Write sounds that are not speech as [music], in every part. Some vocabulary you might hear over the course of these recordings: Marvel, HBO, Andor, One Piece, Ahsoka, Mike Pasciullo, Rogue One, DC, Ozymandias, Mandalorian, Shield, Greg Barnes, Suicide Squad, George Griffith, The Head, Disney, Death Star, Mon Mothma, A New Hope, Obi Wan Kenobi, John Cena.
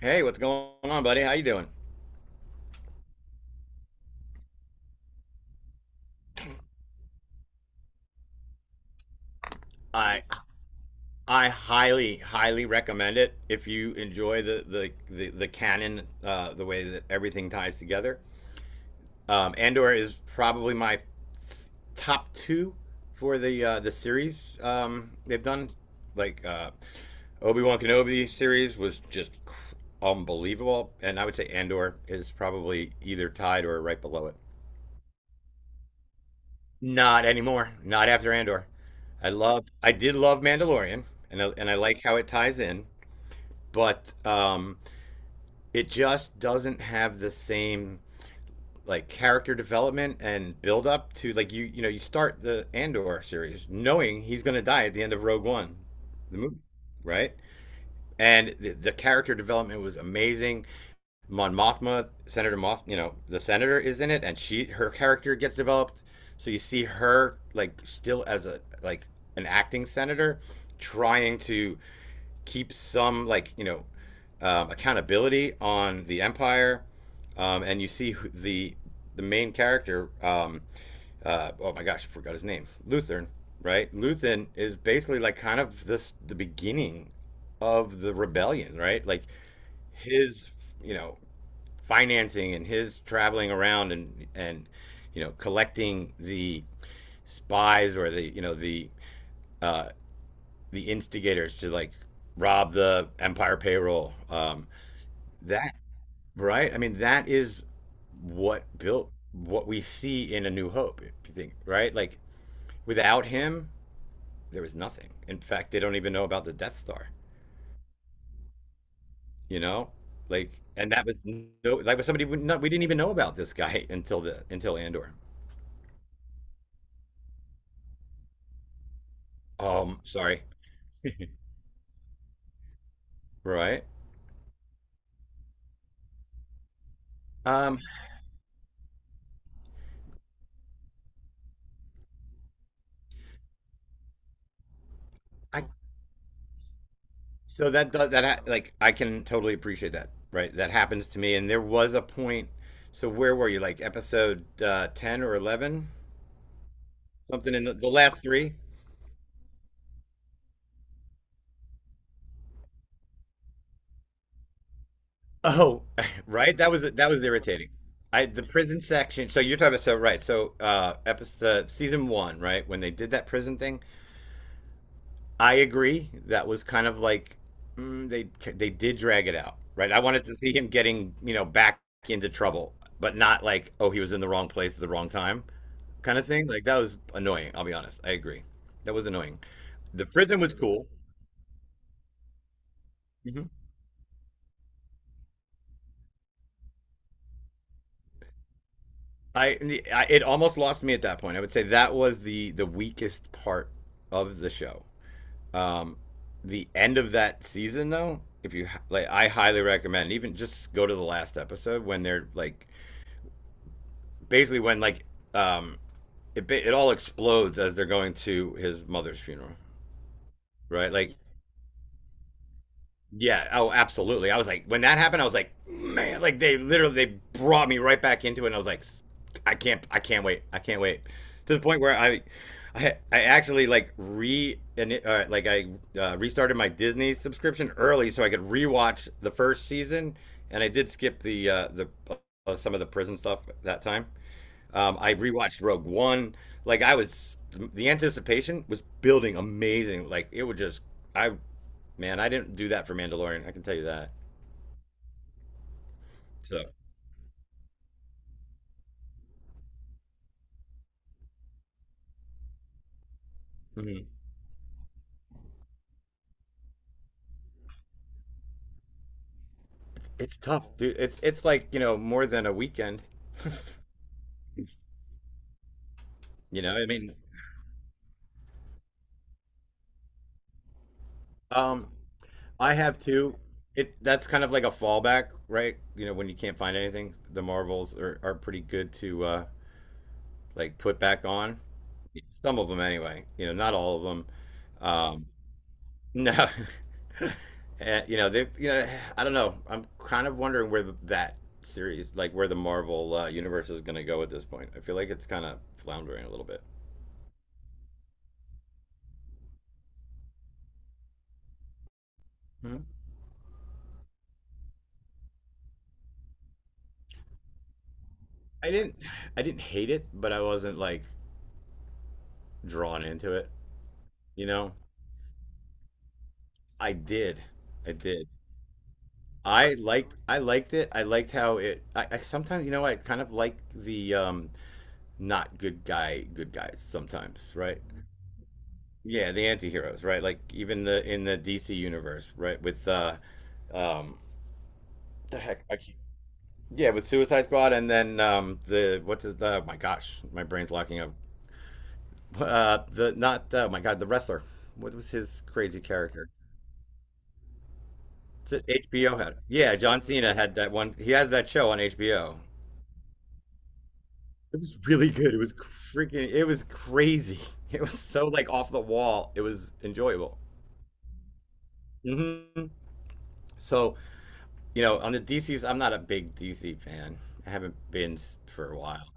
Hey, what's going on, buddy? How you doing? I I highly highly recommend it if you enjoy the canon, the way that everything ties together. Andor is probably my top two for the series they've done. Like Obi Wan Kenobi series was just unbelievable, and I would say Andor is probably either tied or right below it. Not anymore. Not after Andor. I did love Mandalorian and I like how it ties in, but it just doesn't have the same like character development and build up to like you know you start the Andor series knowing he's going to die at the end of Rogue One, the movie, right? And the character development was amazing. Mon Mothma, Senator Moth, you know, the senator is in it, and she her character gets developed. So you see her like still as a like an acting senator, trying to keep some like you know accountability on the empire, and you see the main character. Oh my gosh, I forgot his name. Lutheran, right? Lutheran is basically like kind of this the beginning of the rebellion, right? Like his you know financing and his traveling around and you know collecting the spies or the you know uh, the instigators to like rob the empire payroll. That right? I mean, that is what built what we see in A New Hope. If you think right, like without him, there was nothing. In fact, they don't even know about the Death Star. You know, like and that was no, like was somebody we, no, we didn't even know about this guy [laughs] until the until Andor. Sorry, right. Um. I so that do- that like I can totally appreciate that. Right. That happens to me. And there was a point. So where were you? Like episode 10 or 11? Something in the last three. Oh, [laughs] right. That was irritating. I the prison section. So you're talking about so right. So episode season one. Right when they did that prison thing. I agree. That was kind of like mm, they they did drag it out, right? I wanted to see him getting you know back into trouble, but not like oh he was in the wrong place at the wrong time kind of thing. Like that was annoying. I'll be honest. I agree. That was annoying. The prison was cool. Mhm. I, I it almost lost me at that point. I would say that was the weakest part of the show. Um, the end of that season though, if you like, I highly recommend even just go to the last episode when they're like basically when like um it all explodes as they're going to his mother's funeral, right? Like yeah, oh absolutely. I was like when that happened, I was like man, like they literally they brought me right back into it, and I was like I can't wait to the point where I. I actually like re and like I restarted my Disney subscription early so I could rewatch the first season, and I did skip the some of the prison stuff that time. I rewatched Rogue One. Like I was, the anticipation was building amazing. Like it would just, I man, I didn't do that for Mandalorian. I can tell you that. So mhm. It's tough, dude. It's like you know more than a weekend. You know, I mean, um, I have two. It that's kind of like a fallback, right? You know, when you can't find anything, the Marvels are pretty good to like put back on. Some of them anyway. You know, not all of them. Um, No. [laughs] You know, they you know, I don't know. I'm kind of wondering where that series, like where the Marvel universe is going to go at this point. I feel like it's kind of floundering a little bit. Hmm. I didn't I didn't hate it, but I wasn't like drawn into it, you know? I did. I did. I liked it. I liked how it I sometimes, you know, I kind of like the not good guy good guys sometimes, right? Yeah, the anti-heroes, right? Like even the in the DC universe, right? With um the heck I keep, yeah, with Suicide Squad and then the what's his my gosh, my brain's locking up. The not my god, the wrestler. What was his crazy character? HBO had. It. Yeah, John Cena had that one. He has that show on HBO. It was really good. It was crazy. [laughs] It was so like off the wall. It was enjoyable. Hmm. So you know, on the DCs, I'm not a big DC fan. I haven't been for a while.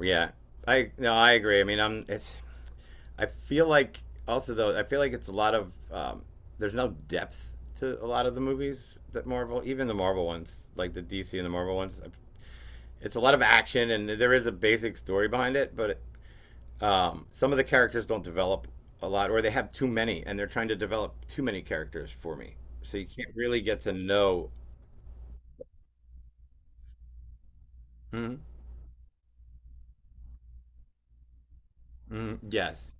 Yeah, I no, I agree. I mean, I'm it's. I feel like also though, I feel like it's a lot of there's no depth to a lot of the movies that Marvel, even the Marvel ones, like the DC and the Marvel ones. It's a lot of action, and there is a basic story behind it, but some of the characters don't develop a lot, or they have too many, and they're trying to develop too many characters for me. So you can't really get to know. Mhm. Mhm. Yes,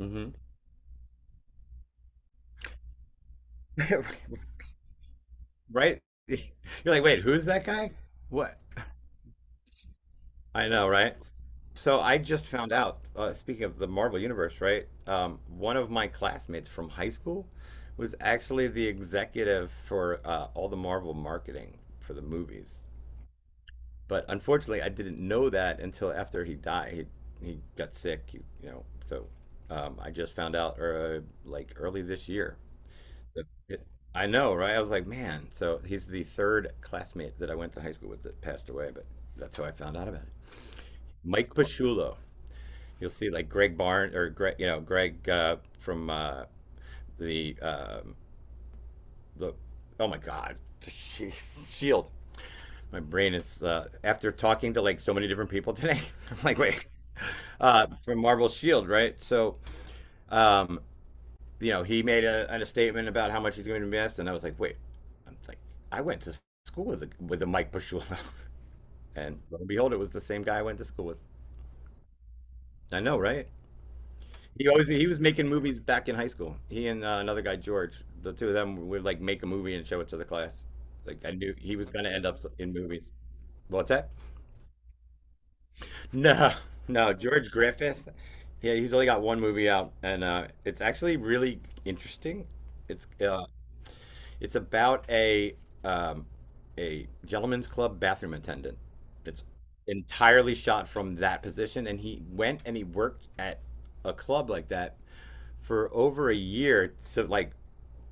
mm-hmm. [laughs] right? You're like, wait, who's that guy? What? I know, right? So I just found out. Speaking of the Marvel Universe, right? One of my classmates from high school was actually the executive for all the Marvel marketing for the movies. But unfortunately, I didn't know that until after he died. He got sick, you know. So I just found out like early this year. I know, right? I was like, man. So he's the third classmate that I went to high school with that passed away, but that's how I found out about it. Mike Pasciullo. You'll see like Greg Barnes or Greg, you know, Greg from the um, the oh my God, [laughs] Shield. My brain is after talking to like so many different people today. [laughs] I'm like, wait, from Marvel Shield, right? So um, you know, he made a statement about how much he's going to invest, and I was like, wait, I'm like, I went to school with with a Mike Pasciullo, [laughs] and lo and behold, it was the same guy I went to school with. I know, right? He was making movies back in high school. He and another guy, George, the two of them would like make a movie and show it to the class. Like I knew he was going to end up in movies. What's that? [laughs] No, no, George Griffith. Yeah, he's only got one movie out, and it's actually really interesting. It's uh, It's about um, a gentleman's club bathroom attendant. It's entirely shot from that position, and he went and he worked at a club like that for over a year to like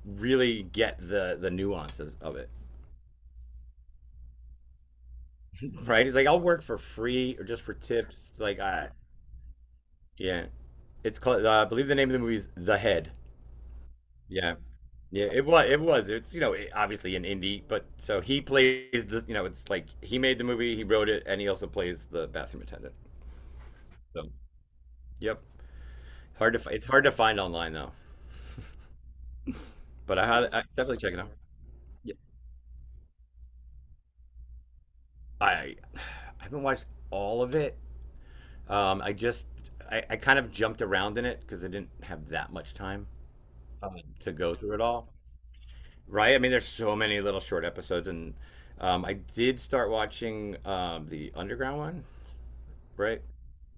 really get the nuances of it. Right? He's like, I'll work for free or just for tips. Like, I yeah. It's called. I believe the name of the movie is The Head. Yeah. Yeah, it was. It was. It's you know obviously an indie, but so he plays the you know it's like he made the movie, he wrote it, and he also plays the bathroom attendant. So yep, it's hard to find online though. But I had I definitely check it out. Yeah, I [sighs] I haven't watched all of it. I just I kind of jumped around in it because I didn't have that much time to go through it all. Right? I mean, there's so many little short episodes, and I did start watching the underground one. Right?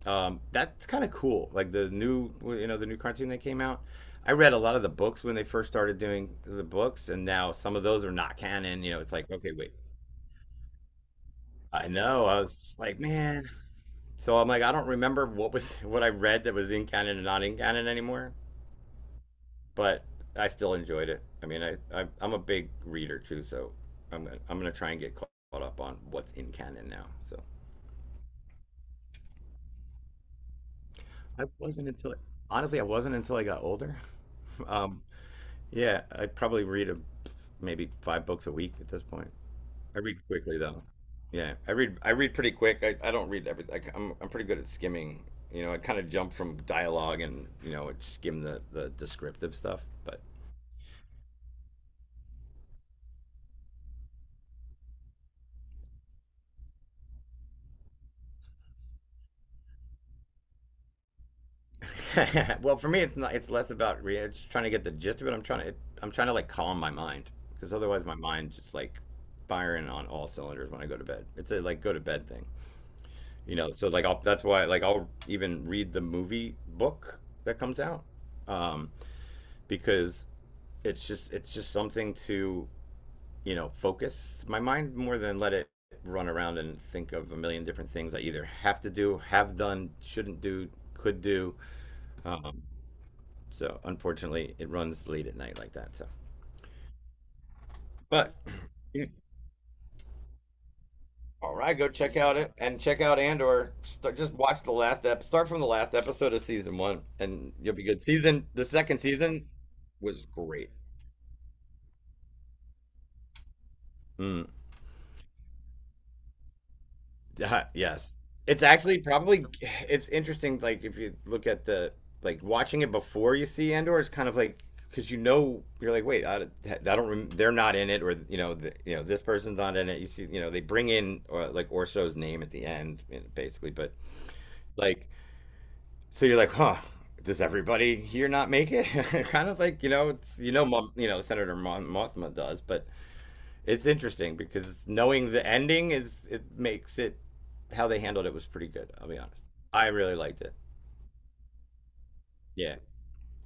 That's kind of cool. Like the new, you know, the new cartoon that came out. I read a lot of the books when they first started doing the books, and now some of those are not canon. You know, it's like, okay, wait, I know. I was like, man. So I'm like, I don't remember what was [laughs] what I read that was in canon and not in canon anymore. But I still enjoyed it. I mean, I'm a big reader too, so I'm gonna try and get caught up on what's in canon now. So I wasn't until I wasn't until I got older. [laughs] Um, yeah, I probably read maybe five books a week at this point. I read quickly though. Yeah, I read pretty quick. I don't read everything. I'm pretty good at skimming. You know, I kind of jump from dialogue and you know it skim the descriptive stuff. But [laughs] well, for me, it's not. It's less about reading. It's just trying to get the gist of it. I'm trying to like calm my mind because otherwise my mind's just like firing on all cylinders when I go to bed. It's a like go to bed thing. You know so like I'll, that's why like I'll even read the movie book that comes out um because it's just something to you know focus my mind more than let it run around and think of a million different things I either have to do have done shouldn't do could do um so unfortunately it runs late at night like that so but [clears throat] you all right, go check out it and check out Andor. Start, just watch the last ep. Start from the last episode of season one, and you'll be good. Season the second season was great. Mm, [laughs] yes, it's actually probably it's interesting. Like if you look at the like watching it before you see Andor, it's kind of like because you know you're like, wait, I don't. They're not in it, or you know, you know, this person's not in it. You see, you know, they bring in or, like Orso's name at the end, you know, basically, but like so you're like, huh? Does everybody here not make it? [laughs] Kind of like you know, it's you know, you know, Mothma does, but it's interesting because knowing the ending is it makes it how they handled it was pretty good. I'll be honest, I really liked it. Yeah,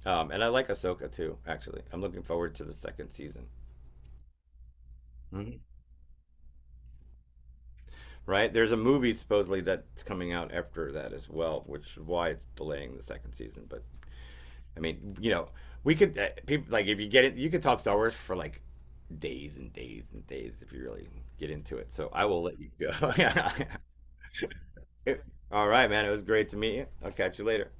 and I like Ahsoka too. Actually, I'm looking forward to the second season. Mhm. Right? There's a movie supposedly that's coming out after that as well, which is why it's delaying the second season. But I mean, you know, we could people like if you get it, you could talk Star Wars for like days and days and days if you really get into it. So I will let you go. [laughs] All right, man. It was great to meet you. I'll catch you later.